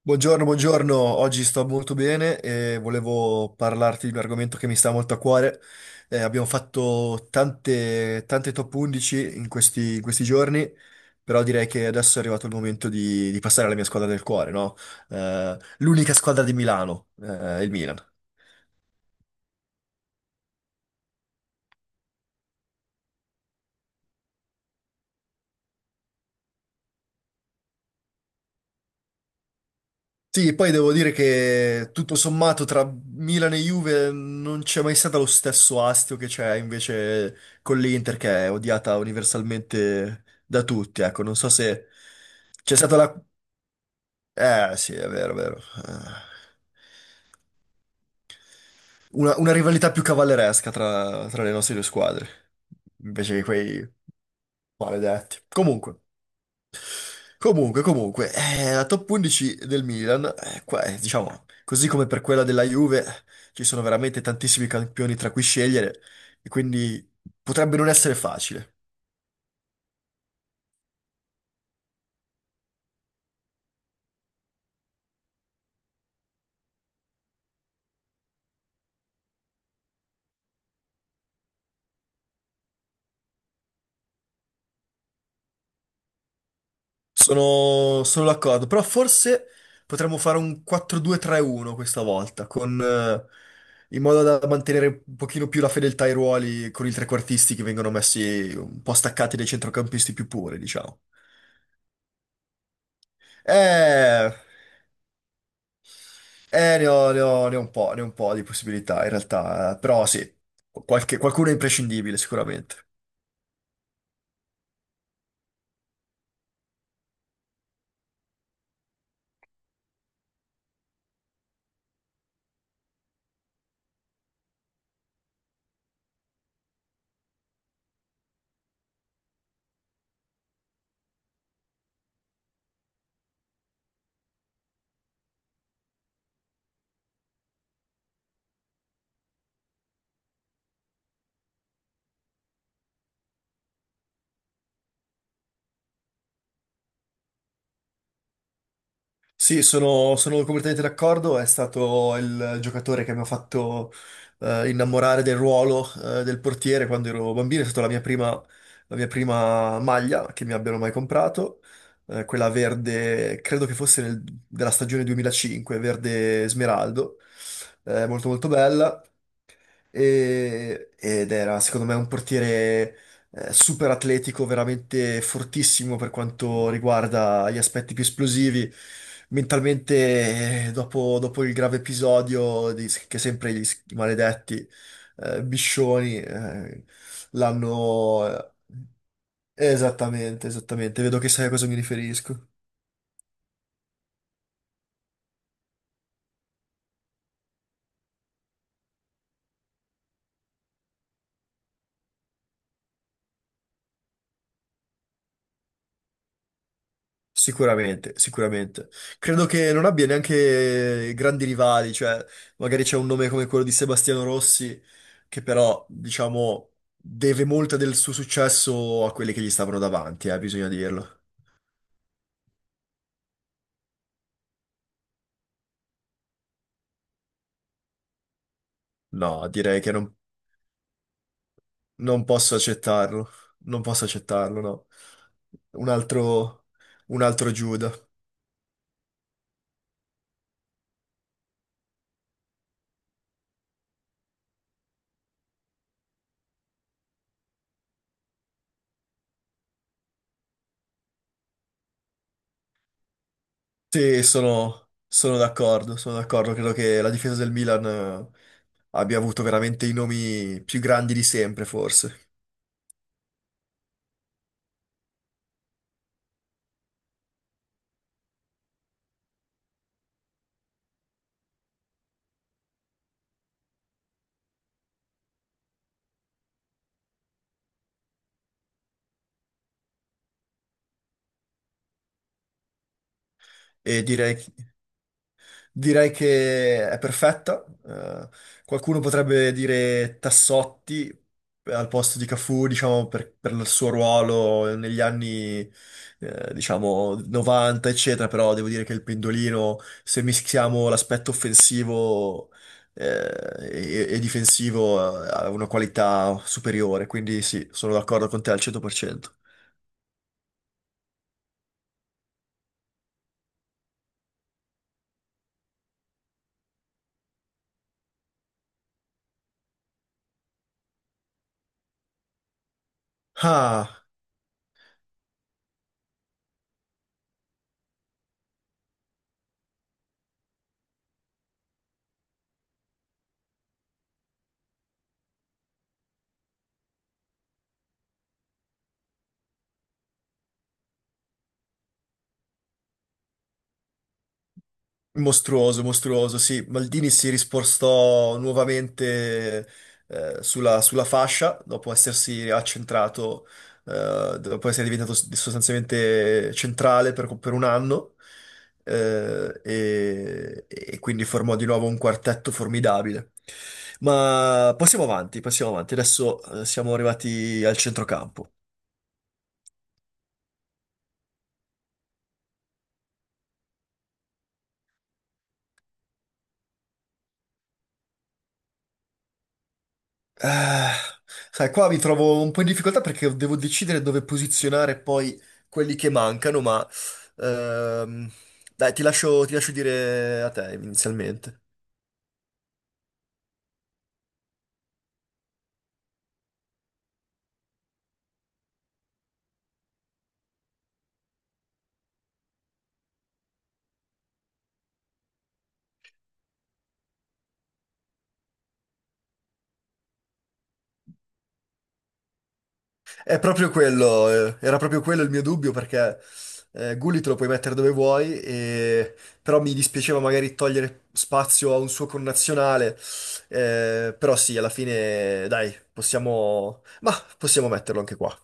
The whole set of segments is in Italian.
Buongiorno, buongiorno, oggi sto molto bene e volevo parlarti di un argomento che mi sta molto a cuore. Abbiamo fatto tante top 11 in questi giorni, però direi che adesso è arrivato il momento di passare alla mia squadra del cuore, no? L'unica squadra di Milano, il Milan. Sì, poi devo dire che tutto sommato tra Milan e Juve non c'è mai stato lo stesso astio che c'è invece con l'Inter, che è odiata universalmente da tutti. Ecco, non so se c'è stata Eh sì, è vero, è vero. Una rivalità più cavalleresca tra le nostre due squadre, invece che quei maledetti. Comunque, la top 11 del Milan, qua, diciamo, così come per quella della Juve, ci sono veramente tantissimi campioni tra cui scegliere, e quindi potrebbe non essere facile. Sono d'accordo, però forse potremmo fare un 4-2-3-1 questa volta, in modo da mantenere un pochino più la fedeltà ai ruoli con i trequartisti che vengono messi un po' staccati dai centrocampisti più puri, diciamo. Eh... ne ho un po', ne ho un po' di possibilità in realtà, però sì, qualcuno è imprescindibile sicuramente. Sì, sono completamente d'accordo, è stato il giocatore che mi ha fatto innamorare del ruolo del portiere quando ero bambino, è stata la mia prima maglia che mi abbiano mai comprato, quella verde, credo che fosse della stagione 2005, verde smeraldo, molto molto bella. Ed era secondo me un portiere super atletico, veramente fortissimo per quanto riguarda gli aspetti più esplosivi. Mentalmente, dopo il grave episodio che sempre i maledetti Biscioni l'hanno... Esattamente, esattamente, vedo che sai a cosa mi riferisco. Sicuramente, sicuramente. Credo che non abbia neanche grandi rivali, cioè magari c'è un nome come quello di Sebastiano Rossi, che però, diciamo, deve molto del suo successo a quelli che gli stavano davanti, bisogna dirlo. No, direi che non, non posso accettarlo. Non posso accettarlo, no. Un altro, un altro Giuda. Sì, sono d'accordo, sono d'accordo, credo che la difesa del Milan abbia avuto veramente i nomi più grandi di sempre, forse. E direi, Direi che è perfetta. Qualcuno potrebbe dire Tassotti al posto di Cafù, diciamo, per il suo ruolo negli anni, diciamo, 90, eccetera, però devo dire che il pendolino, se mischiamo l'aspetto offensivo, eh, e difensivo, ha una qualità superiore, quindi sì, sono d'accordo con te al 100%. Ah. Mostruoso, mostruoso, sì. Maldini si rispostò nuovamente sulla fascia dopo essersi accentrato, dopo essere diventato sostanzialmente centrale per un anno, e quindi formò di nuovo un quartetto formidabile. Ma passiamo avanti, passiamo avanti. Adesso siamo arrivati al centrocampo. Eh, Sai, qua mi trovo un po' in difficoltà perché devo decidere dove posizionare poi quelli che mancano, ma ehm, dai, ti lascio dire a te inizialmente. Era proprio quello il mio dubbio perché Gulli te lo puoi mettere dove vuoi, però mi dispiaceva magari togliere spazio a un suo connazionale, però sì, alla fine dai, possiamo metterlo anche qua.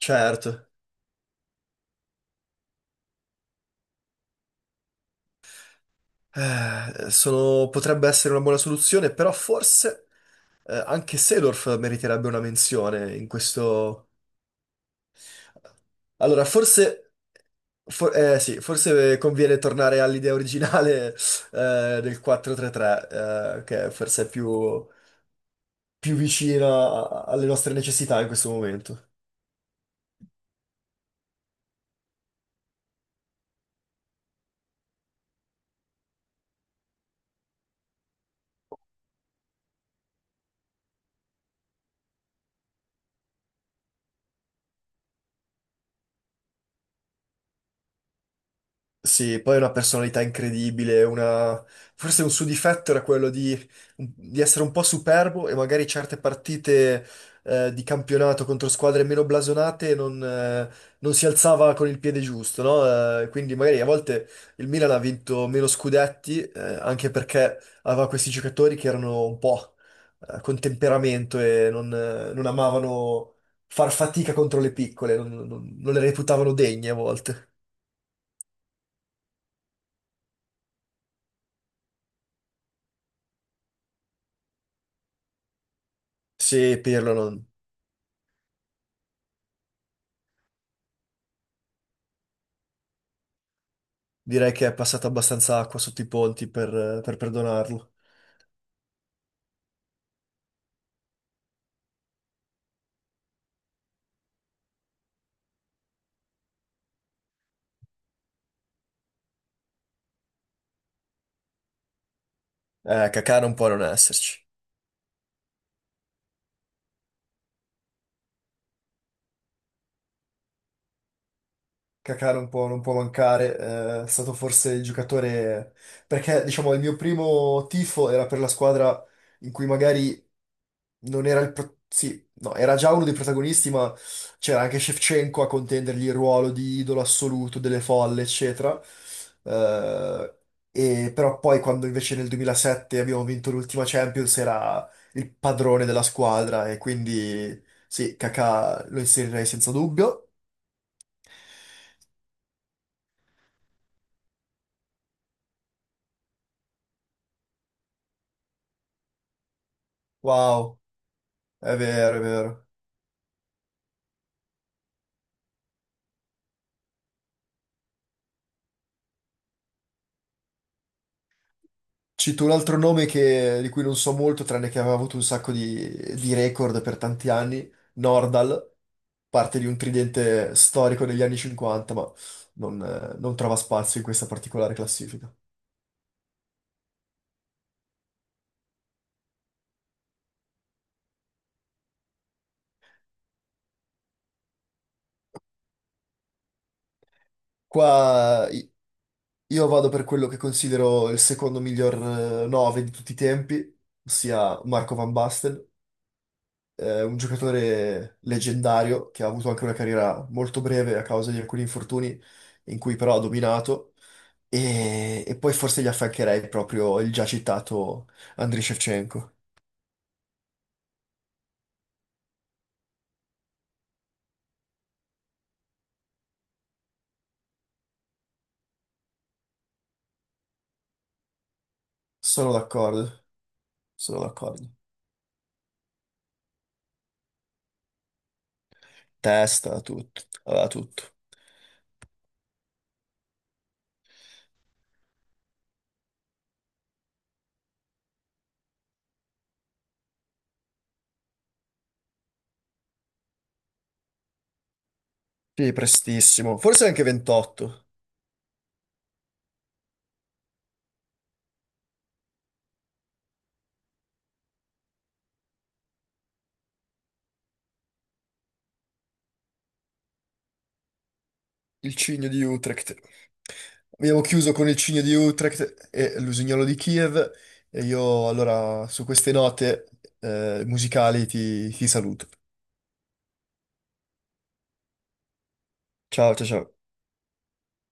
Certo. Potrebbe essere una buona soluzione, però forse anche Seedorf meriterebbe una menzione in questo... Allora, forse conviene tornare all'idea originale del 4-3-3, che forse è più, più vicina alle nostre necessità in questo momento. Sì, poi è una personalità incredibile, una... forse un suo difetto era quello di essere un po' superbo e magari certe partite di campionato contro squadre meno blasonate non si alzava con il piede giusto, no? Quindi magari a volte il Milan ha vinto meno scudetti anche perché aveva questi giocatori che erano un po' con temperamento e non amavano far fatica contro le piccole, non le reputavano degne a volte. Sì, Pirlo non, Direi che è passata abbastanza acqua sotto i ponti per perdonarlo. Kakà non può non esserci. Kakà non può mancare, è stato forse il giocatore, perché diciamo il mio primo tifo era per la squadra in cui magari non era il... Sì, no, era già uno dei protagonisti, ma c'era anche Shevchenko a contendergli il ruolo di idolo assoluto delle folle, eccetera. Eh, e però poi quando invece nel 2007 abbiamo vinto l'ultima Champions era il padrone della squadra e quindi sì, Kakà lo inserirei senza dubbio. Wow. È vero, è vero. Cito un altro nome di cui non so molto, tranne che aveva avuto un sacco di record per tanti anni, Nordal, parte di un tridente storico degli anni 50, ma non trova spazio in questa particolare classifica. Qua i- io vado per quello che considero il secondo miglior 9 di tutti i tempi, ossia Marco Van Basten, un giocatore leggendario che ha avuto anche una carriera molto breve a causa di alcuni infortuni in cui però ha dominato. E poi forse gli affiancherei proprio il già citato Andriy Shevchenko. Sono d'accordo, sono d'accordo. Testa, tutto, aveva tutto. Sì, prestissimo. Forse anche 28. Il cigno di Utrecht. Abbiamo chiuso con il cigno di Utrecht e l'usignolo di Kiev. E io allora su queste note musicali ti saluto. Ciao, ciao, ciao.